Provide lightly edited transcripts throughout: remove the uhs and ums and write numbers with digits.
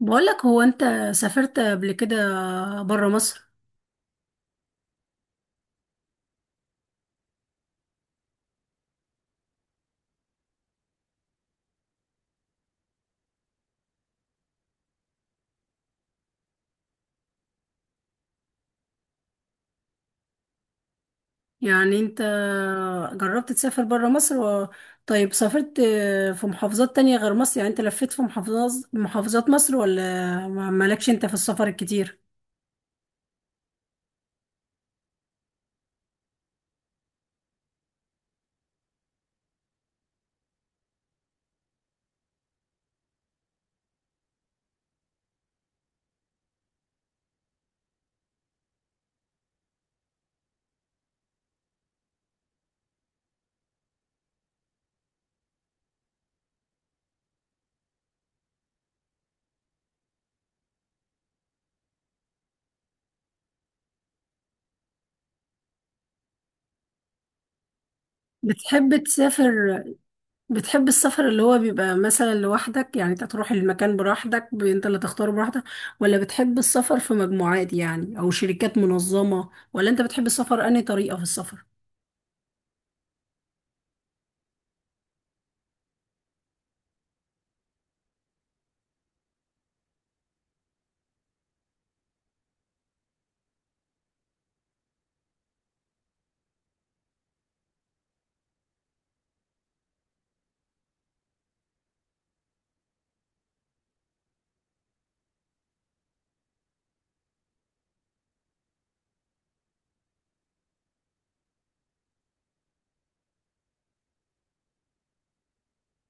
بقولك، هو انت سافرت قبل كده برا مصر؟ يعني انت جربت تسافر برا مصر طيب سافرت في محافظات تانية غير مصر؟ يعني انت لفيت في محافظات مصر ولا مالكش انت في السفر الكتير؟ بتحب تسافر؟ بتحب السفر اللي هو بيبقى مثلا لوحدك، يعني انت تروح المكان براحتك، انت اللي تختاره براحتك، ولا بتحب السفر في مجموعات يعني، او شركات منظمة؟ ولا انت بتحب السفر، انهي طريقة في السفر؟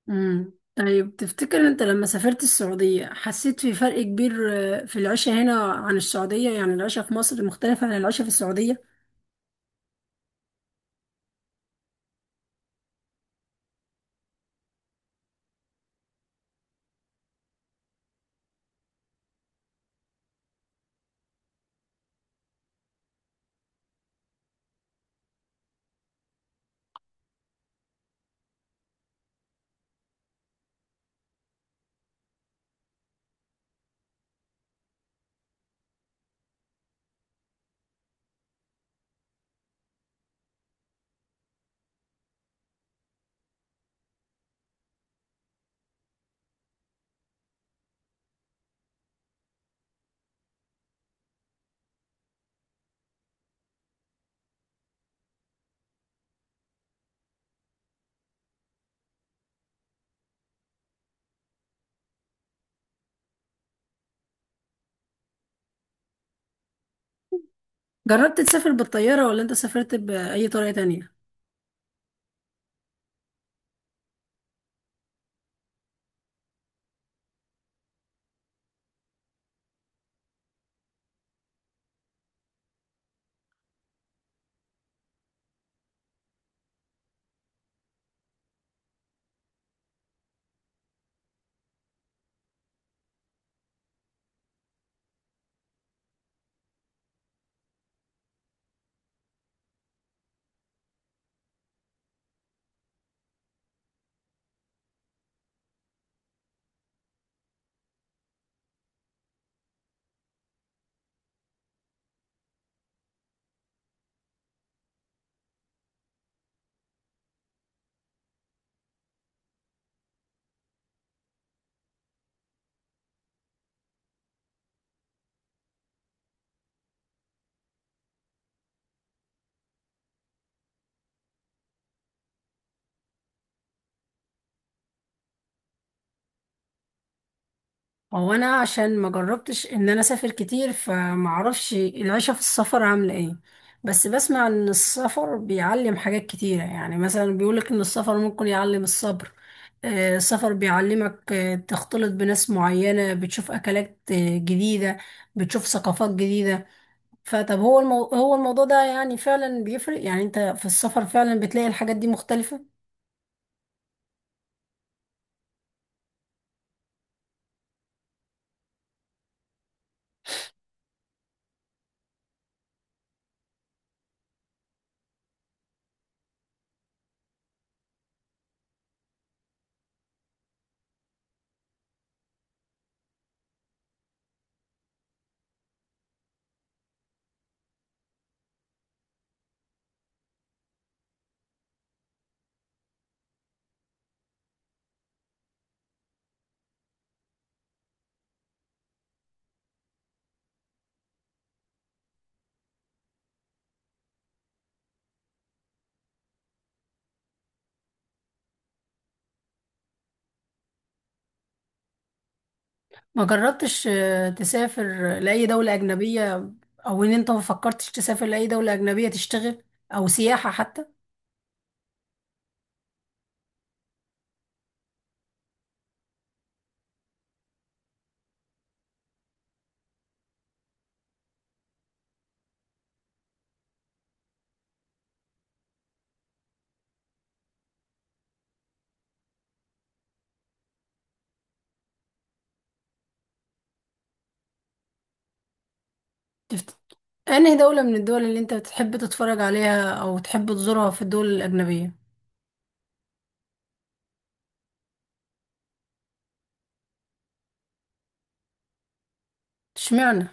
طيب تفتكر انت لما سافرت السعودية حسيت في فرق كبير، في العيشة هنا عن السعودية؟ يعني العيشة في مصر مختلفة عن العيشة في السعودية؟ جربت تسافر بالطيارة ولا انت سافرت بأي طريقة تانية؟ هو انا عشان ما جربتش ان انا اسافر كتير، فما اعرفش العيشه في السفر عامله ايه، بس بسمع ان السفر بيعلم حاجات كتيره. يعني مثلا بيقولك ان السفر ممكن يعلم الصبر، السفر بيعلمك، تختلط بناس معينه، بتشوف اكلات جديده، بتشوف ثقافات جديده. هو الموضوع ده يعني فعلا بيفرق؟ يعني انت في السفر فعلا بتلاقي الحاجات دي مختلفه؟ ما جربتش تسافر لأي دولة أجنبية؟ أو إن أنت ما فكرتش تسافر لأي دولة أجنبية تشتغل أو سياحة حتى؟ تفت... أنهي دولة من الدول اللي أنت بتحب تتفرج عليها أو تحب تزورها في الدول الأجنبية؟ اشمعنى؟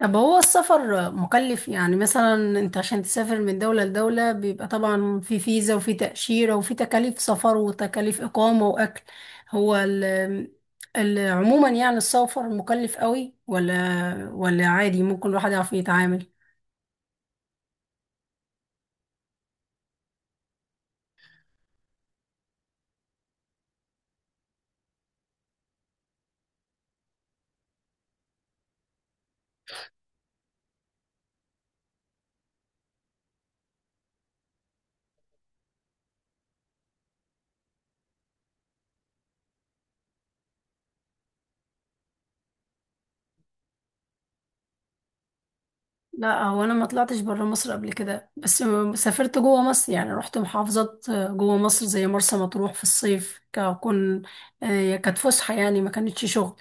طب هو السفر مكلف؟ يعني مثلا انت عشان تسافر من دولة لدولة بيبقى طبعا في فيزا وفي تأشيرة وفي تكاليف سفر وتكاليف إقامة وأكل، هو ال عموما يعني السفر مكلف قوي ولا عادي ممكن الواحد يعرف يتعامل؟ لا، هو انا ما طلعتش بره مصر قبل كده، بس سافرت جوه مصر، يعني رحت محافظات جوه مصر زي مرسى مطروح في الصيف ككون، كانت فسحه يعني ما كانتش شغل،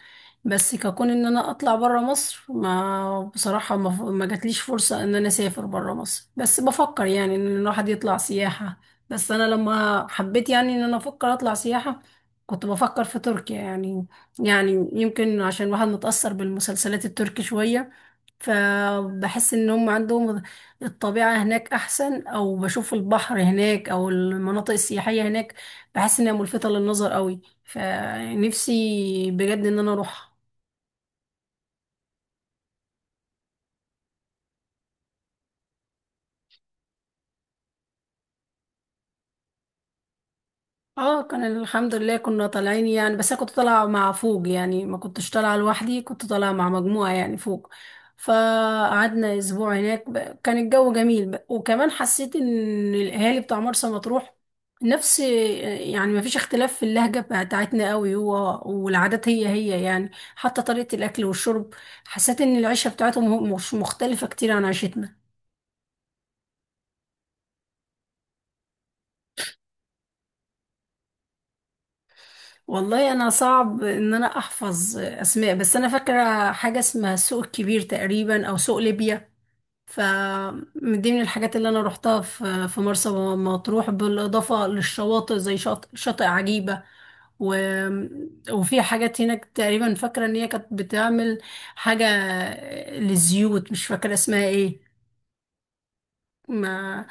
بس ككون ان انا اطلع بره مصر، ما بصراحه ما جاتليش فرصه ان انا اسافر بره مصر، بس بفكر يعني ان الواحد يطلع سياحه. بس انا لما حبيت يعني ان انا افكر اطلع سياحه، كنت بفكر في تركيا. يعني يعني يمكن عشان الواحد متأثر بالمسلسلات التركي شوية، فبحس ان هم عندهم الطبيعة هناك احسن، او بشوف البحر هناك، او المناطق السياحية هناك بحس انها ملفتة للنظر قوي، فنفسي بجد ان انا اروح. اه، كان الحمد لله، كنا طالعين يعني، بس انا كنت طالعه مع فوق، يعني ما كنتش طالعه لوحدي، كنت طالعه مع مجموعه يعني فوق، فقعدنا اسبوع هناك كان الجو جميل، وكمان حسيت ان الاهالي بتاع مرسى مطروح نفس، يعني ما فيش اختلاف في اللهجه بتاعتنا قوي هو، والعادات هي هي، يعني حتى طريقه الاكل والشرب حسيت ان العيشه بتاعتهم مش مختلفه كتير عن عيشتنا. والله انا صعب ان انا احفظ اسماء، بس انا فاكره حاجه اسمها سوق الكبير تقريبا او سوق ليبيا، ف من ضمن الحاجات اللي انا روحتها في مرسى مطروح بالاضافه للشواطئ زي شاطئ, شاطئ عجيبه و... وفي حاجات هناك تقريبا فاكره ان هي كانت بتعمل حاجه للزيوت، مش فاكره اسمها ايه ما.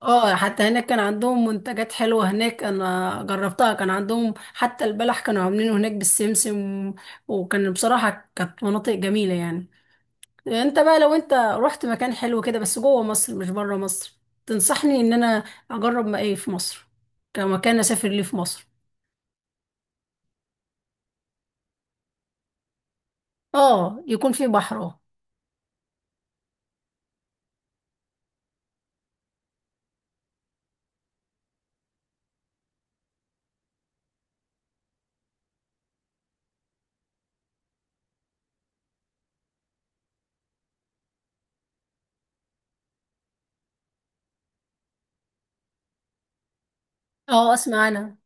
اه، حتى هناك كان عندهم منتجات حلوة هناك انا جربتها، كان عندهم حتى البلح كانوا عاملينه هناك بالسمسم، وكان بصراحة كانت مناطق جميلة يعني. انت بقى لو انت رحت مكان حلو كده بس جوه مصر مش بره مصر، تنصحني ان انا اجرب ما ايه في مصر كمكان اسافر ليه في مصر؟ اه يكون فيه بحر، اه. اه اسمع انا،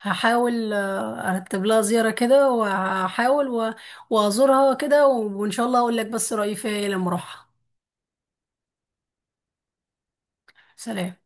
هحاول ارتب لها زيارة كده، وهحاول وازورها كده، وان شاء الله اقول لك بس رأيي فيها إيه لما اروحها. سلام.